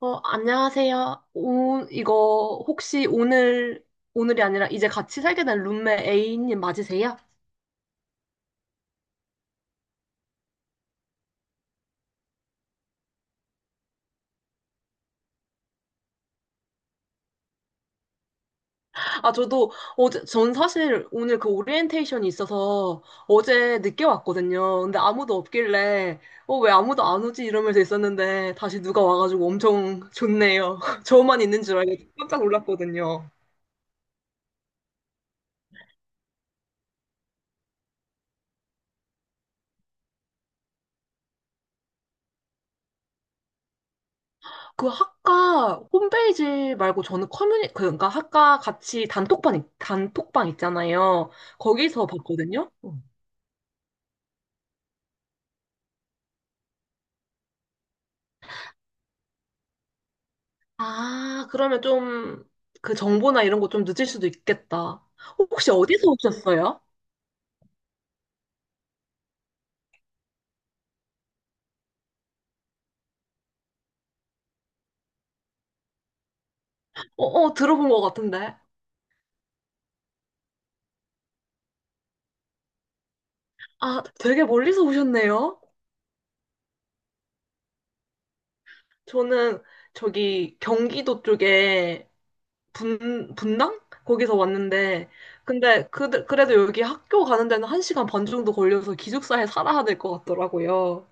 어, 안녕하세요. 오, 이거 혹시 오늘, 오늘이 아니라 이제 같이 살게 된 룸메 A님 맞으세요? 아, 저도 어제, 전 사실 오늘 그 오리엔테이션이 있어서 어제 늦게 왔거든요. 근데 아무도 없길래, 어, 왜 아무도 안 오지? 이러면서 있었는데 다시 누가 와가지고 엄청 좋네요. 저만 있는 줄 알고 깜짝 놀랐거든요. 그 학과 홈페이지 말고 저는 그러니까 학과 같이 단톡방, 단톡방 있잖아요. 거기서 봤거든요. 어. 아, 그러면 좀 그 정보나 이런 거 좀 늦을 수도 있겠다. 혹시 어디서 오셨어요? 어, 어, 들어본 것 같은데. 아, 되게 멀리서 오셨네요. 저는 저기 경기도 쪽에 분당? 거기서 왔는데, 근데 그래도 여기 학교 가는 데는 1시간 반 정도 걸려서 기숙사에 살아야 될 것 같더라고요.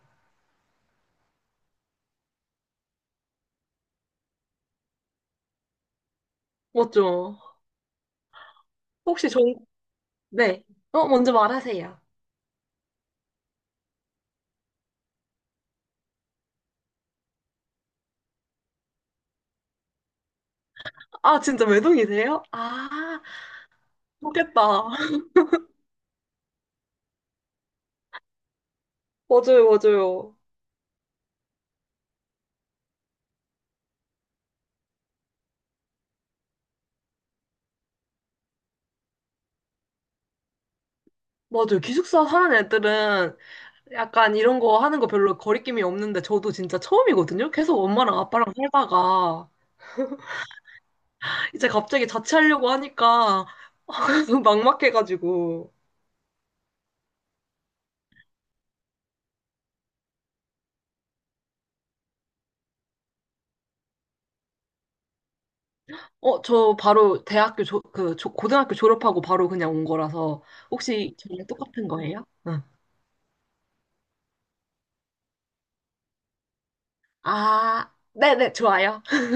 맞죠? 혹시 전, 네. 어, 먼저 말하세요. 아, 진짜 외동이세요? 아, 좋겠다. 맞아요, 맞아요. 맞아요. 기숙사 사는 애들은 약간 이런 거 하는 거 별로 거리낌이 없는데 저도 진짜 처음이거든요. 계속 엄마랑 아빠랑 살다가 이제 갑자기 자취하려고 하니까 막막해가지고. 어, 저 바로 대학교 고등학교 졸업하고 바로 그냥 온 거라서 혹시 저랑 똑같은 거예요? 응. 아, 네네, 좋아요.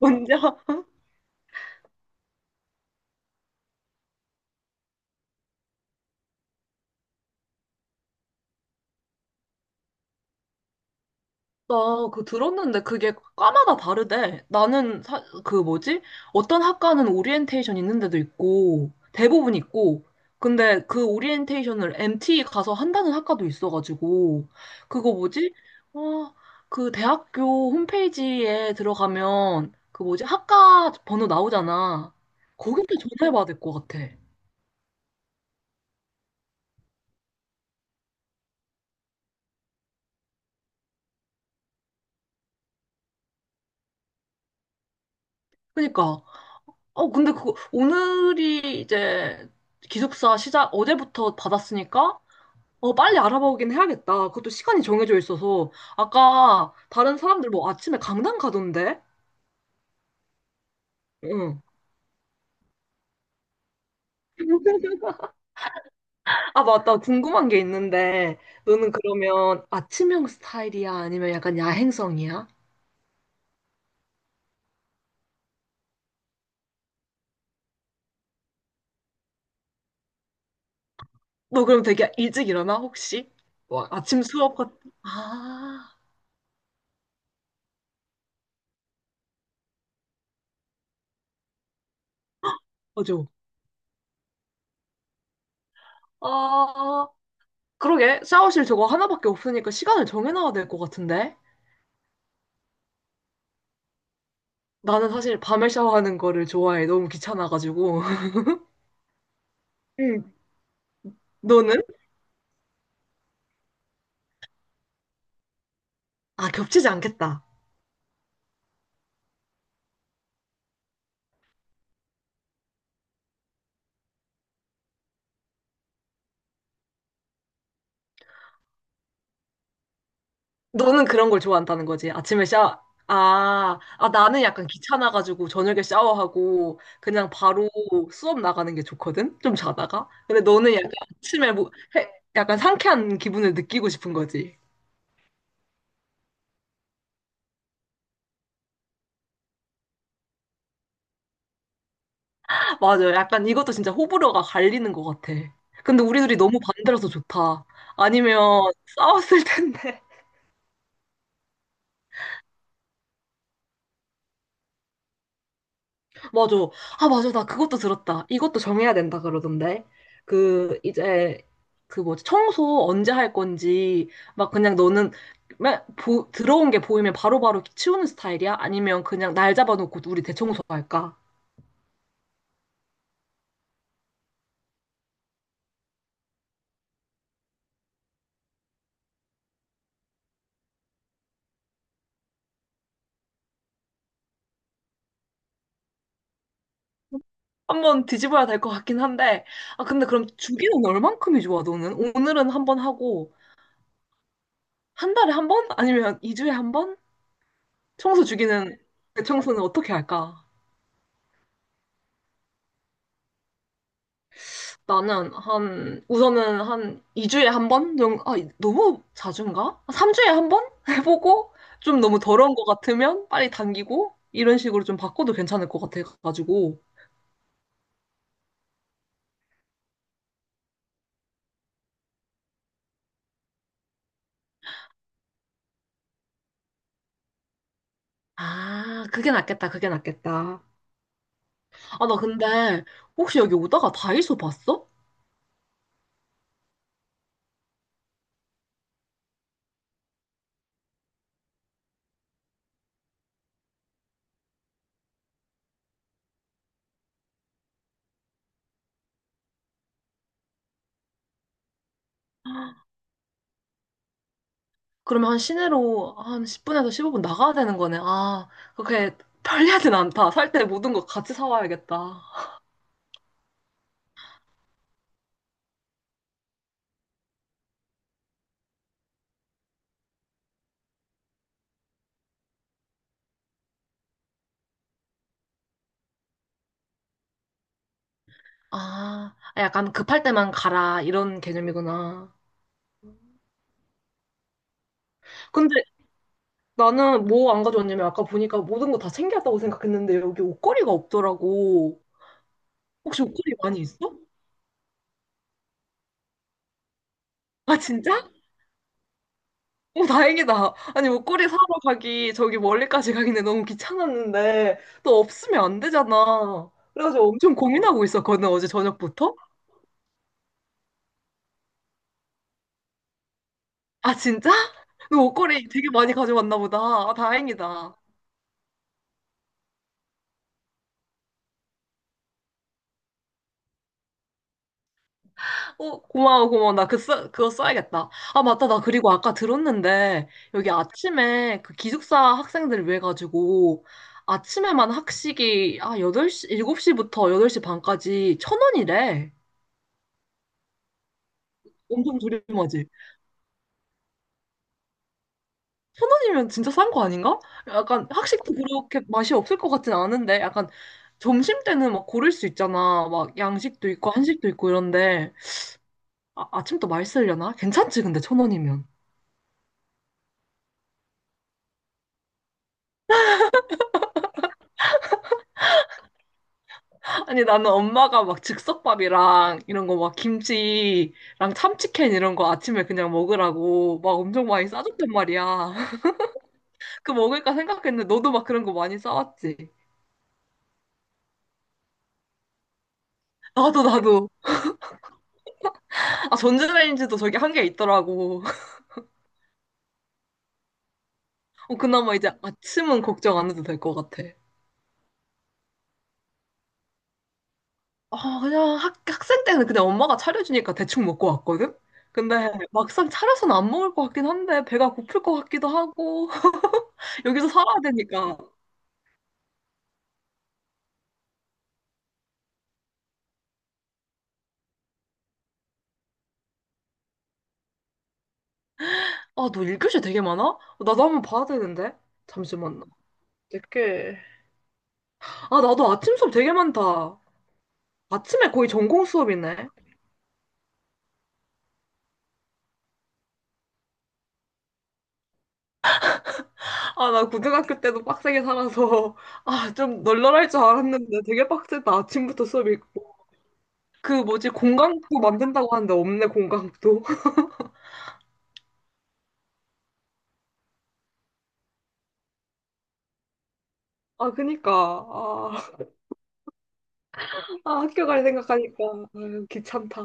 먼저 나 그 들었는데 그게 과마다 다르대. 나는 그 뭐지? 어떤 학과는 오리엔테이션 있는 데도 있고 대부분 있고 근데 그 오리엔테이션을 MT 가서 한다는 학과도 있어가지고 그거 뭐지? 어, 그 대학교 홈페이지에 들어가면 그 뭐지? 학과 번호 나오잖아. 거기다 전화해봐야 될 것 같아. 그니까 어 근데 그 오늘이 이제 기숙사 시작 어제부터 받았으니까 어, 빨리 알아보긴 해야겠다. 그것도 시간이 정해져 있어서. 아까 다른 사람들 뭐 아침에 강당 가던데? 응. 아, 맞다. 궁금한 게 있는데, 너는 그러면 아침형 스타일이야? 아니면 약간 야행성이야? 너 그럼 되게 일찍 일어나, 혹시? 뭐, 아침 수업 같, 아, 맞아. 아, 그러게. 샤워실 저거 하나밖에 없으니까 시간을 정해놔야 될 것 같은데? 나는 사실 밤에 샤워하는 거를 좋아해. 너무 귀찮아가지고. 응. 너는? 아, 겹치지 않겠다. 너는 그런 걸 좋아한다는 거지. 아침에 샤워. 아, 아, 나는 약간 귀찮아가지고 저녁에 샤워하고 그냥 바로 수업 나가는 게 좋거든? 좀 자다가. 근데 너는 약간 아침에 뭐, 해, 약간 상쾌한 기분을 느끼고 싶은 거지. 맞아. 약간 이것도 진짜 호불호가 갈리는 것 같아. 근데 우리 둘이 너무 반대라서 좋다. 아니면 싸웠을 텐데. 맞아. 아, 맞아. 나 그것도 들었다. 이것도 정해야 된다 그러던데. 그, 이제, 그 뭐지, 청소 언제 할 건지, 막 그냥 너는, 맨 들어온 게 보이면 바로바로 치우는 스타일이야? 아니면 그냥 날 잡아놓고 우리 대청소 할까? 한번 뒤집어야 될 것 같긴 한데. 아, 근데 그럼 주기는 얼만큼이 좋아, 너는? 오늘은 한번 하고, 한 달에 한 번? 아니면 이주에한 번? 청소 주기는, 대청소는 어떻게 할까? 나는 한, 우선은 한 2주에 한 번? 정도? 아, 너무 자주인가? 3주에 한 번? 해보고, 좀 너무 더러운 것 같으면 빨리 당기고, 이런 식으로 좀 바꿔도 괜찮을 것 같아가지고. 아, 그게 낫겠다, 그게 낫겠다. 아, 나 근데, 혹시 여기 오다가 다이소 봤어? 그러면 한 시내로 한 10분에서 15분 나가야 되는 거네. 아, 그렇게 편리하진 않다. 살 때 모든 거 같이 사와야겠다. 아, 약간 급할 때만 가라, 이런 개념이구나. 근데 나는 뭐 안 가져왔냐면 아까 보니까 모든 거 다 챙겨왔다고 생각했는데 여기 옷걸이가 없더라고. 혹시 옷걸이 많이 있어? 아, 진짜? 오, 다행이다. 아니, 옷걸이 사러 가기 저기 멀리까지 가기는 너무 귀찮았는데 또 없으면 안 되잖아. 그래가지고 엄청 고민하고 있었거든, 어제 저녁부터. 아, 진짜? 너 옷걸이 되게 많이 가져왔나 보다. 아, 다행이다. 어, 고마워, 고마워. 나 그, 그거 써야겠다. 아, 맞다. 나 그리고 아까 들었는데, 여기 아침에 그 기숙사 학생들 을 위해 가지고, 아침에만 학식이, 아, 8시 7시부터 8시 반까지 1,000원이래. 엄청 저렴하지? 1,000원이면 진짜 싼 거 아닌가? 약간 학식도 그렇게 맛이 없을 것 같진 않은데, 약간 점심 때는 막 고를 수 있잖아. 막 양식도 있고, 한식도 있고 이런데, 아, 아침도 맛있으려나? 괜찮지, 근데 1,000원이면. 아니, 나는 엄마가 막 즉석밥이랑 이런 거 막 김치랑 참치캔 이런 거 아침에 그냥 먹으라고 막 엄청 많이 싸줬단 말이야. 그 먹을까 생각했는데 너도 막 그런 거 많이 싸왔지? 나도, 나도. 아, 전자레인지도 저기 한 개 있더라고. 어, 그나마 이제 아침은 걱정 안 해도 될 것 같아. 아, 그냥 학생 때는 그냥 엄마가 차려주니까 대충 먹고 왔거든? 근데 막상 차려서는 안 먹을 것 같긴 한데 배가 고플 것 같기도 하고 여기서 살아야 되니까 아, 너 1교시 되게 많아? 나도 한번 봐야 되는데. 잠시만. 늦게. 아, 나도 아침 수업 되게 많다. 아침에 거의 전공 수업이네. 아, 나 고등학교 때도 빡세게 살아서, 아, 좀 널널할 줄 알았는데 되게 빡세다. 아침부터 수업이 있고. 그 뭐지, 공강도 만든다고 하는데 없네, 공강도. 아, 그니까. 아, 아, 학교 갈 생각하니까. 아유, 귀찮다.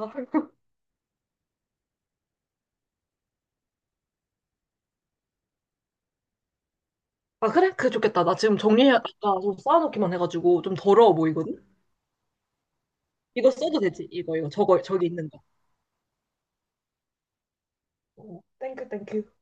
아, 그래? 그게 좋겠다. 나 지금 정리해, 아까 좀 쌓아놓기만 해가지고 좀 더러워 보이거든? 이거 써도 되지? 이거, 이거. 저거, 저기 있는 거. 어, 땡큐, 땡큐.